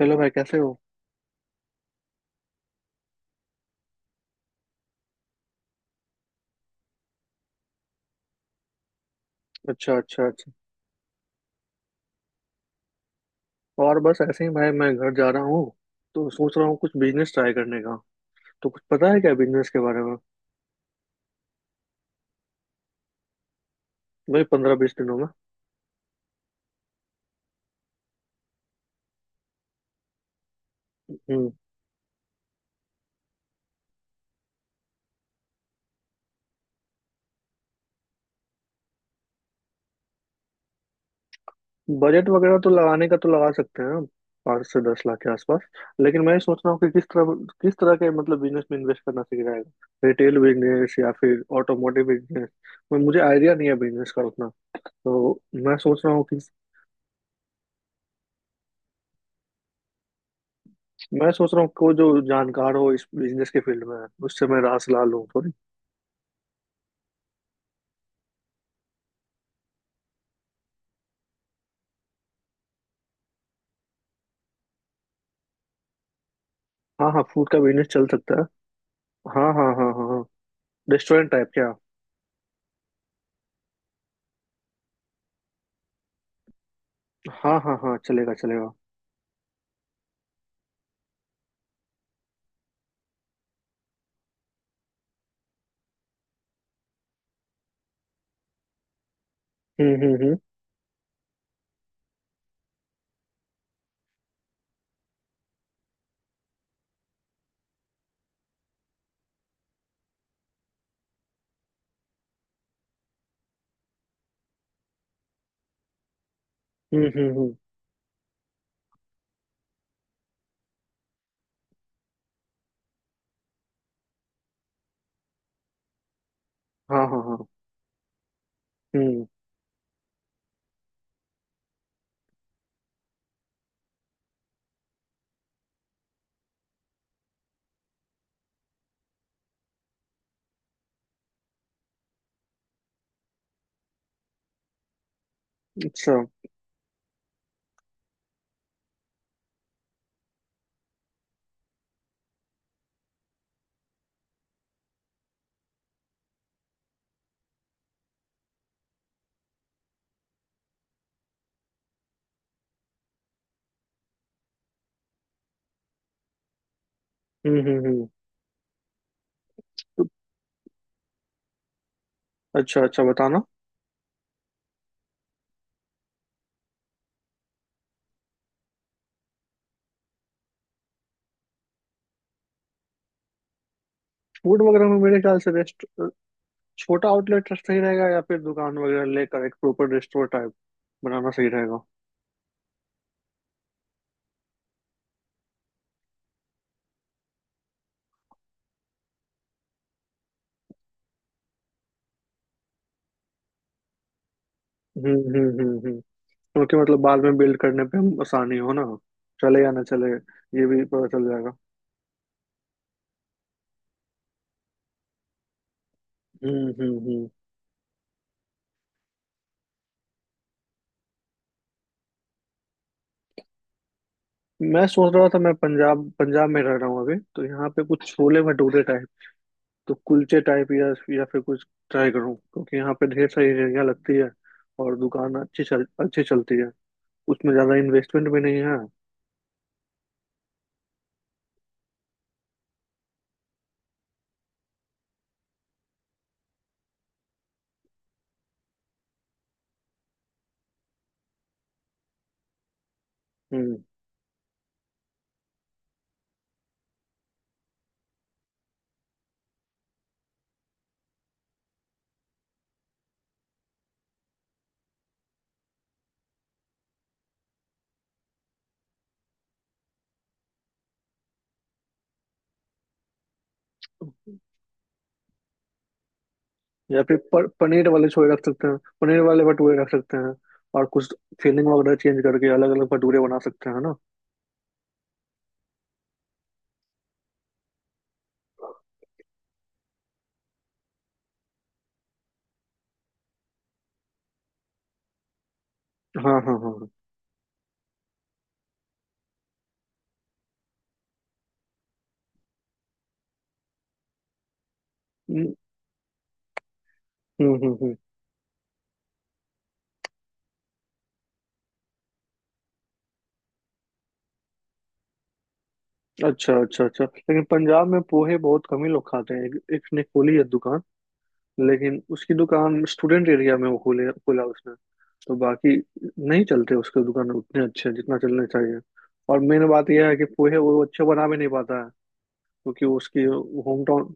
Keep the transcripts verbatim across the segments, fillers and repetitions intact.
Hello भाई, कैसे हो? अच्छा, अच्छा, अच्छा। और बस ऐसे ही भाई, मैं घर जा रहा हूँ। तो सोच रहा हूँ कुछ बिजनेस ट्राई करने का। तो कुछ पता है क्या बिजनेस के बारे में? भाई, पंद्रह बीस दिनों में। हम्म। बजट वगैरह तो लगाने का तो लगा सकते हैं। पाँच से दस लाख के आसपास। लेकिन मैं ये सोच रहा हूँ कि किस तरह किस तरह के मतलब बिजनेस में इन्वेस्ट करना सीख जाएगा, रिटेल बिजनेस या फिर ऑटोमोटिव बिजनेस। मैं मुझे आइडिया नहीं है बिजनेस का उतना। तो मैं सोच रहा हूँ कि मैं सोच रहा हूँ कोई जो जानकार हो इस बिजनेस के फील्ड में, उससे मैं राय सलाह लूँ। हाँ, हाँ, फूड का बिजनेस चल सकता है। हाँ, हाँ, हाँ, हाँ, हाँ। रेस्टोरेंट टाइप क्या? हाँ, हाँ, हाँ, चलेगा, चलेगा। हम्म, हम्म, हम्म, हम्म, हम्म, हम्म, हाँ, हाँ, हाँ, हम्म, अच्छा, हम्म, हम्म, हम्म। तो- अच्छा, अच्छा, बताना। फूड वगैरह में मेरे ख्याल से रेस्ट छोटा आउटलेट सही रहेगा, या फिर दुकान वगैरह लेकर एक प्रॉपर रेस्टोरेंट टाइप बनाना सही रहेगा। हम्म, हम्म, हम्म, हम्म। क्योंकि मतलब बाद में बिल्ड करने पे हम आसानी हो ना, चले या ना चले, ये भी पता चल जाएगा। हम्म, हम्म, हम्म। मैं सोच रहा था, मैं पंजाब पंजाब में रह रहा हूँ अभी। तो यहाँ पे कुछ छोले भटूरे टाइप, तो कुलचे टाइप, या या फिर कुछ ट्राई करूँ, क्योंकि यहाँ पे ढेर सारी रेहड़ियाँ लगती है और दुकान अच्छी चल अच्छी चलती है। उसमें ज़्यादा इन्वेस्टमेंट भी नहीं है। हम्म। या फिर प, पनीर वाले छोले रख सकते हैं, पनीर वाले भटूरे रख सकते हैं, और कुछ फिलिंग वगैरह चेंज करके अलग अलग भटूरे बना सकते हैं ना। हाँ, हाँ, हाँ, हाँ। हम्म, हम्म, हम्म, हम्म। अच्छा, अच्छा, अच्छा। लेकिन पंजाब में पोहे बहुत कम ही लोग खाते हैं। एक, एक ने खोली है दुकान, लेकिन उसकी दुकान स्टूडेंट एरिया में वो खोले खोला उसने। तो बाकी नहीं चलते उसके दुकान उतने अच्छे जितना चलने चाहिए। और मेन बात यह है कि पोहे वो अच्छे बना भी नहीं पाता है, क्योंकि उसकी होम टाउन।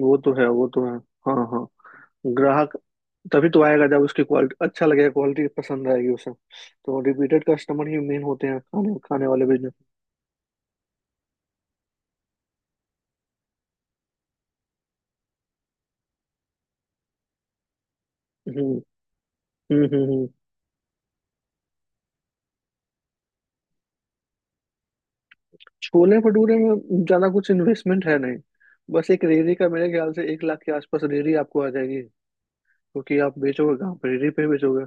वो तो है, वो तो है। हाँ, हाँ। ग्राहक तभी तो आएगा जब उसकी क्वालिटी अच्छा लगेगा, क्वालिटी पसंद आएगी उसे। तो रिपीटेड कस्टमर ही मेन होते हैं खाने खाने वाले बिजनेस। हम्म, हम्म, हम्म, हम्म। छोले भटूरे में ज्यादा कुछ इन्वेस्टमेंट है नहीं। बस एक रेहड़ी का, मेरे ख्याल से एक लाख के आसपास रेहड़ी आपको आ जाएगी, क्योंकि आप बेचोगे कहाँ पर? रेहड़ी पे ही बेचोगे।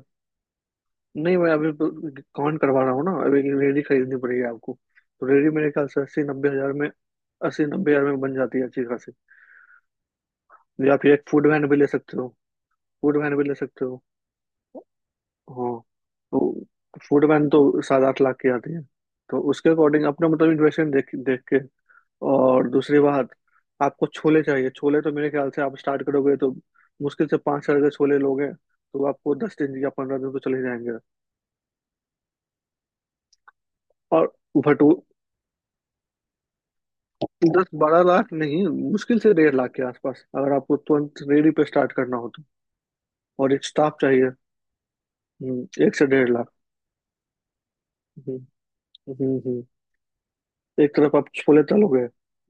नहीं, मैं अभी तो काउंट करवा रहा हूँ ना। अभी एक रेहड़ी खरीदनी पड़ेगी आपको। तो रेहड़ी मेरे ख्याल से अस्सी नब्बे हजार में, अस्सी नब्बे हजार में बन जाती है अच्छी खासी। या फिर एक फूड वैन भी ले सकते हो। फूड वैन भी ले सकते हो। हाँ। तो फूड वैन तो सात आठ लाख की आती है। तो उसके अकॉर्डिंग अपना मतलब इन्वेस्टमेंट देख देख के। और दूसरी बात, आपको छोले चाहिए। छोले तो मेरे ख्याल से आप स्टार्ट करोगे तो मुश्किल से पाँच हजार के छोले लोगे तो आपको दस दिन या पंद्रह दिन तो चले जाएंगे। और भटू दस बारह लाख नहीं, मुश्किल से डेढ़ लाख के आसपास, अगर आपको तुरंत रेडी पे स्टार्ट करना हो तो। और एक स्टाफ चाहिए। हम्म, एक से डेढ़ लाख। हम्म, हम्म, हम्म। हम्म। एक तरफ आप छोले तलोगे,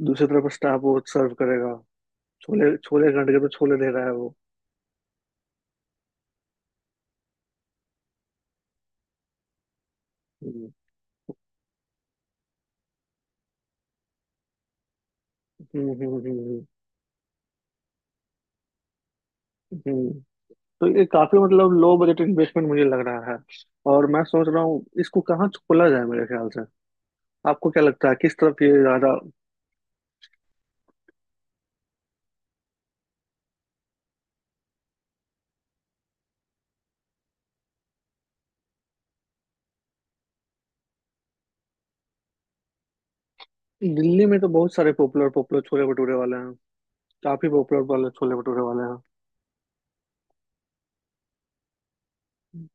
दूसरी तरफ स्टाफ वो सर्व करेगा। छोले छोले घंटे के तो छोले दे रहा है वो। हम्म, हम्म, हम्म, हम्म, हम्म, हम्म। तो ये काफी मतलब लो बजट इन्वेस्टमेंट मुझे लग रहा है। और मैं सोच रहा हूँ इसको कहाँ खोला जाए? मेरे ख्याल से आपको क्या लगता है किस तरफ ये ज्यादा? दिल्ली में तो बहुत सारे पॉपुलर पॉपुलर छोले भटूरे वाले हैं। काफी पॉपुलर वाले छोले भटूरे वाले हैं।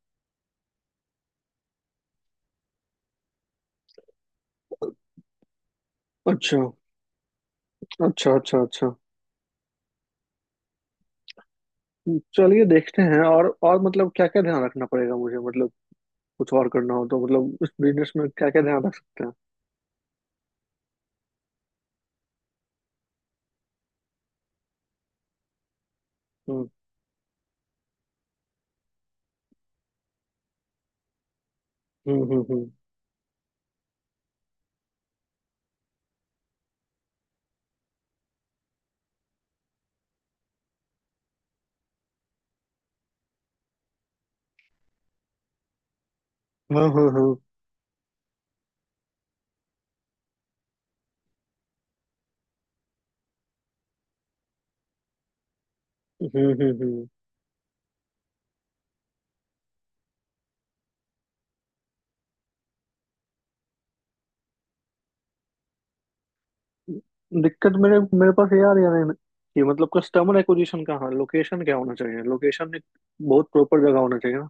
अच्छा, अच्छा, अच्छा, अच्छा। चलिए देखते हैं। और और मतलब क्या क्या ध्यान रखना पड़ेगा मुझे, मतलब कुछ और करना हो तो, मतलब इस बिजनेस में क्या क्या ध्यान रख सकते हैं? हम्म, हम्म, हम्म, हम्म। हाँ, हाँ, हाँ, हम्म, हम्म, हम्म। दिक्कत मेरे मेरे पास ये आ रही है ना कि मतलब कस्टमर एक्विजिशन कहाँ, लोकेशन क्या होना चाहिए, लोकेशन एक बहुत प्रॉपर जगह होना चाहिए ना।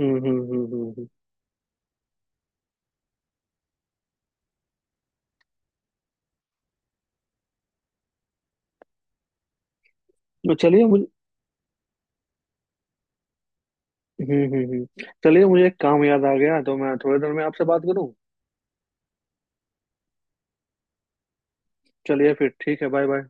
हम्म, हम्म, हम्म, हम्म, हम्म। तो चलिए मुझे हम्म, हम्म, हम्म। चलिए, मुझे एक काम याद आ गया, तो मैं थोड़ी देर में आपसे बात करूँ। चलिए फिर ठीक है, बाय बाय।